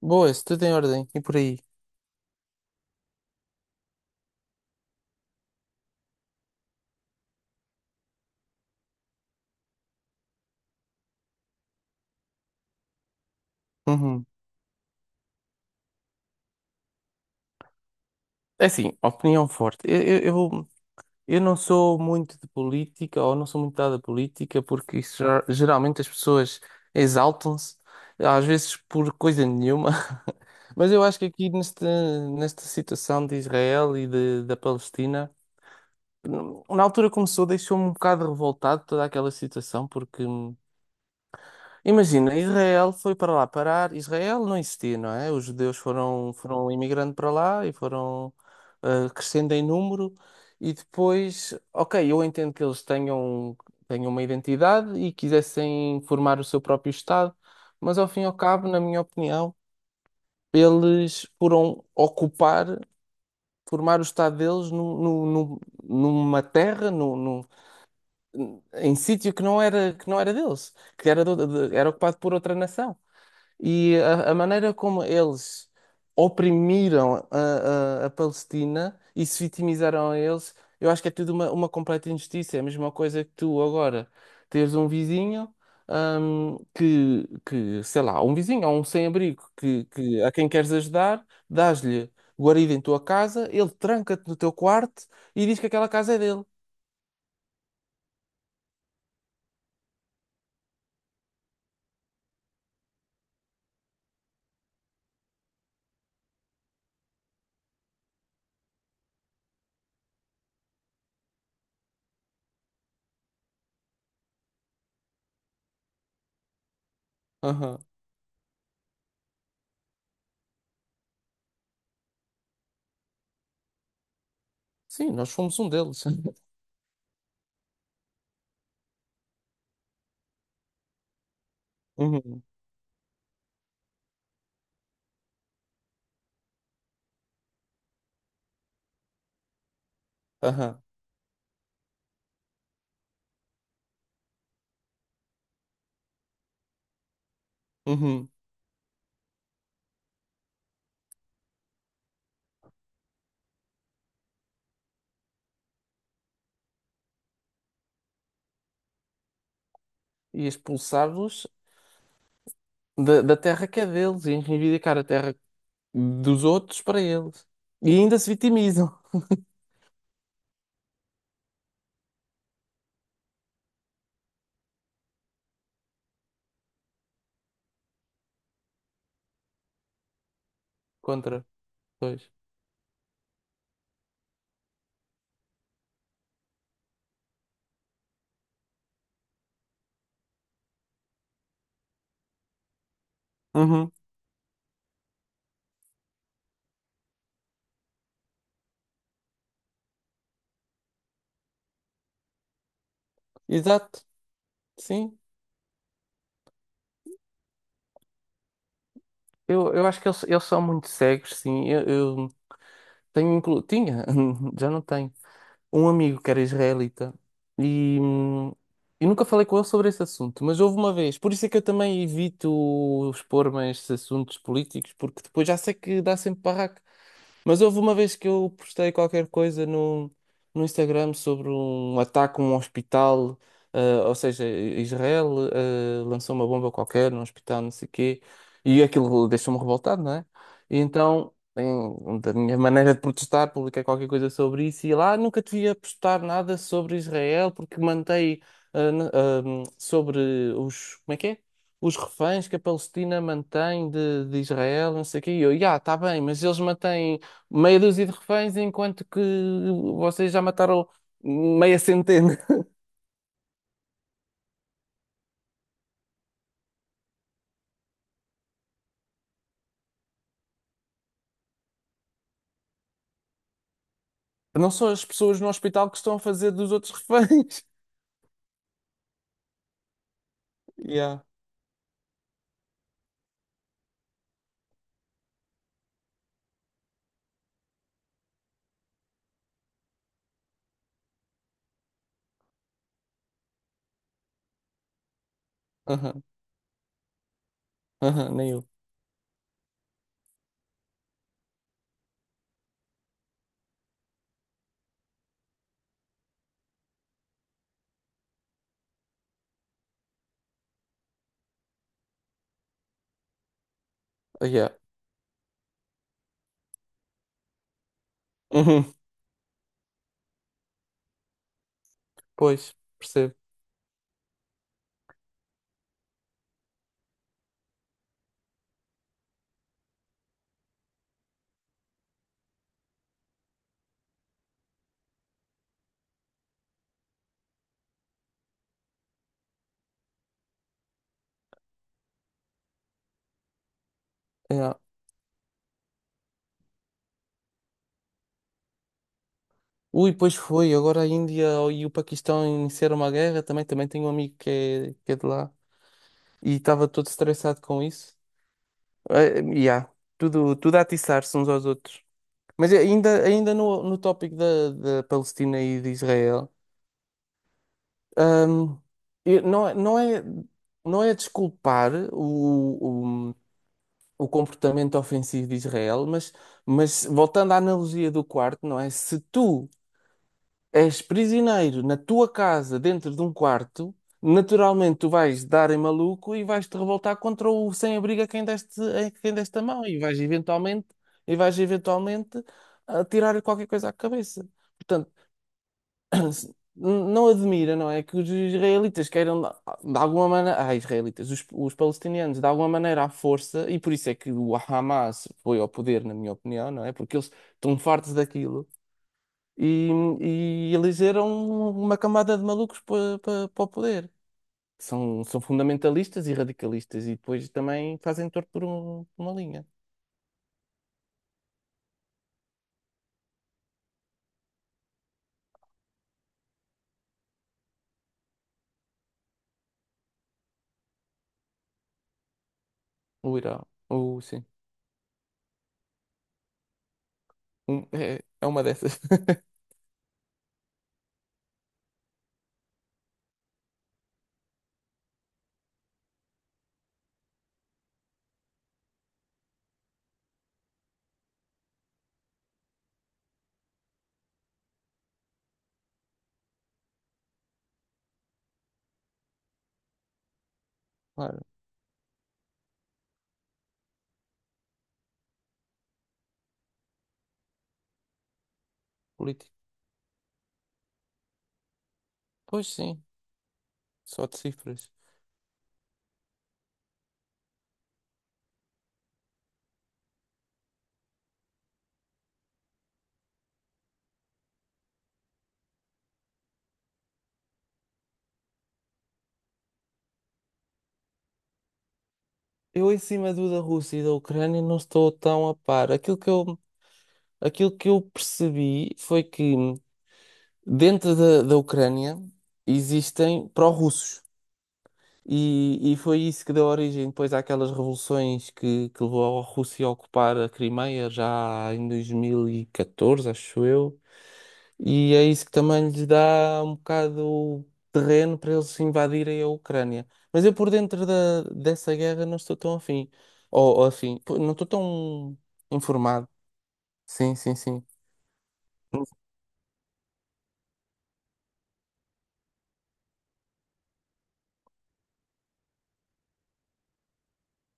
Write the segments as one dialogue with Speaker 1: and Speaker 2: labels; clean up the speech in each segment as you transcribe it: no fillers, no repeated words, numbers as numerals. Speaker 1: Boa, boas, tudo em ordem e por aí. Uhum. É assim, opinião forte. Eu não sou muito de política ou não sou muito dada a política porque isso geralmente as pessoas exaltam-se às vezes por coisa nenhuma. Mas eu acho que aqui nesta situação de Israel da Palestina, na altura começou, deixou-me um bocado revoltado toda aquela situação porque imagina, Israel foi para lá parar. Israel não existia, não é? Os judeus foram imigrando para lá e foram crescendo em número. E depois, ok, eu entendo que eles tenham uma identidade e quisessem formar o seu próprio Estado, mas ao fim e ao cabo, na minha opinião, eles foram ocupar, formar o Estado deles numa terra, em sítio que não era deles, que era, era ocupado por outra nação. E a maneira como eles oprimiram a Palestina e se vitimizaram a eles, eu acho que é tudo uma completa injustiça. É a mesma coisa que tu agora teres um vizinho, sei lá, um vizinho ou um sem-abrigo que a quem queres ajudar, dás-lhe guarida em tua casa, ele tranca-te no teu quarto e diz que aquela casa é dele. Aham. Sim, nós fomos um deles. Uhum. Aham. Uhum. E expulsá-los da terra que é deles e reivindicar a terra dos outros para eles. E ainda se vitimizam. Contra. Pois. Uhum. Exato. Sim. Eu acho que eles são muito cegos, sim. Eu tenho inclu... Tinha, já não tenho, um amigo que era israelita e, hum, e nunca falei com ele sobre esse assunto, mas houve uma vez. Por isso é que eu também evito expor-me a estes assuntos políticos, porque depois já sei que dá sempre barraco. Mas houve uma vez que eu postei qualquer coisa no Instagram sobre um ataque a um hospital, ou seja, Israel lançou uma bomba qualquer num hospital, não sei o quê, e aquilo deixou-me revoltado, não é? E então, da minha maneira de protestar, publiquei qualquer coisa sobre isso e lá nunca devia postar nada sobre Israel porque mantei sobre os, como é que é? Os reféns que a Palestina mantém de Israel, não sei o quê. E eu, já, está bem, mas eles mantêm meia dúzia de reféns, enquanto que vocês já mataram meia centena. Não são as pessoas no hospital que estão a fazer dos outros reféns. Yeah. Aham, aham, nem eu. Ah, yeah. Uhum. Pois, percebo. Yeah. Ui, pois foi. Agora a Índia e o Paquistão iniciaram uma guerra. Também tenho um amigo que é de lá e estava todo estressado com isso. Eh, yeah. Tudo, tudo a atiçar-se uns aos outros. Mas ainda, ainda no tópico da Palestina e de Israel. Ahm, e não, não é, não é desculpar o comportamento ofensivo de Israel, mas voltando à analogia do quarto, não é? Se tu és prisioneiro na tua casa, dentro de um quarto, naturalmente tu vais dar em maluco e vais te revoltar contra o sem-abrigo a quem deste, a quem deste a mão e vais eventualmente a tirar qualquer coisa à cabeça. Portanto, não admira, não é? Que os israelitas queiram, de alguma maneira, os palestinianos, de alguma maneira à força, e por isso é que o Hamas foi ao poder, na minha opinião, não é? Porque eles estão fartos daquilo e, e elegeram uma camada de malucos para para o poder. São, são fundamentalistas e radicalistas, e depois também fazem torto por uma linha. O Irão, o, sim. É, é uma dessas. Claro, político. Pois sim, só de cifras. Eu em cima do da Rússia e da Ucrânia não estou tão a par. Aquilo que eu percebi foi que dentro da Ucrânia existem pró-russos. E foi isso que deu origem depois àquelas revoluções que levou a Rússia a ocupar a Crimeia já em 2014, acho eu. E é isso que também lhes dá um bocado terreno para eles invadirem a Ucrânia. Mas eu por dentro dessa guerra não estou tão afim. Ou afim, pô, não estou tão informado. Sim, sim, sim.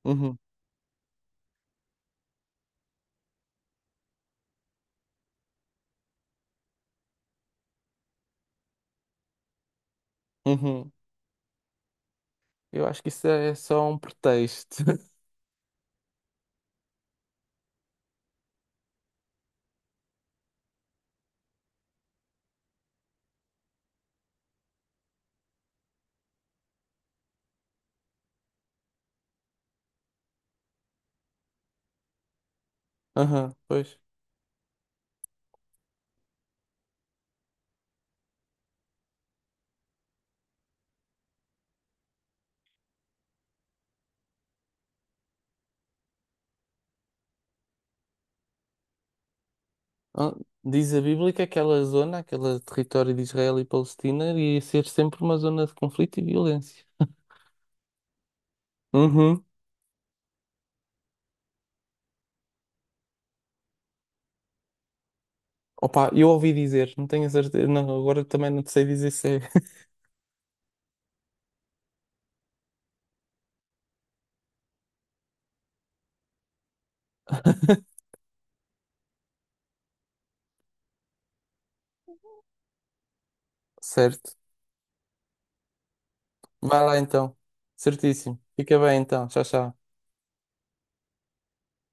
Speaker 1: Uhum, uhum. Eu acho que isso é é só um pretexto. Aham, pois. Ah, diz a Bíblia que aquela zona, aquele território de Israel e Palestina, ia ser sempre uma zona de conflito e violência. Uhum. Opa, eu ouvi dizer, não tenho certeza. Não, agora também não te sei dizer se é. Certo. Vai lá então. Certíssimo. Fica bem então. Tchau, tchau.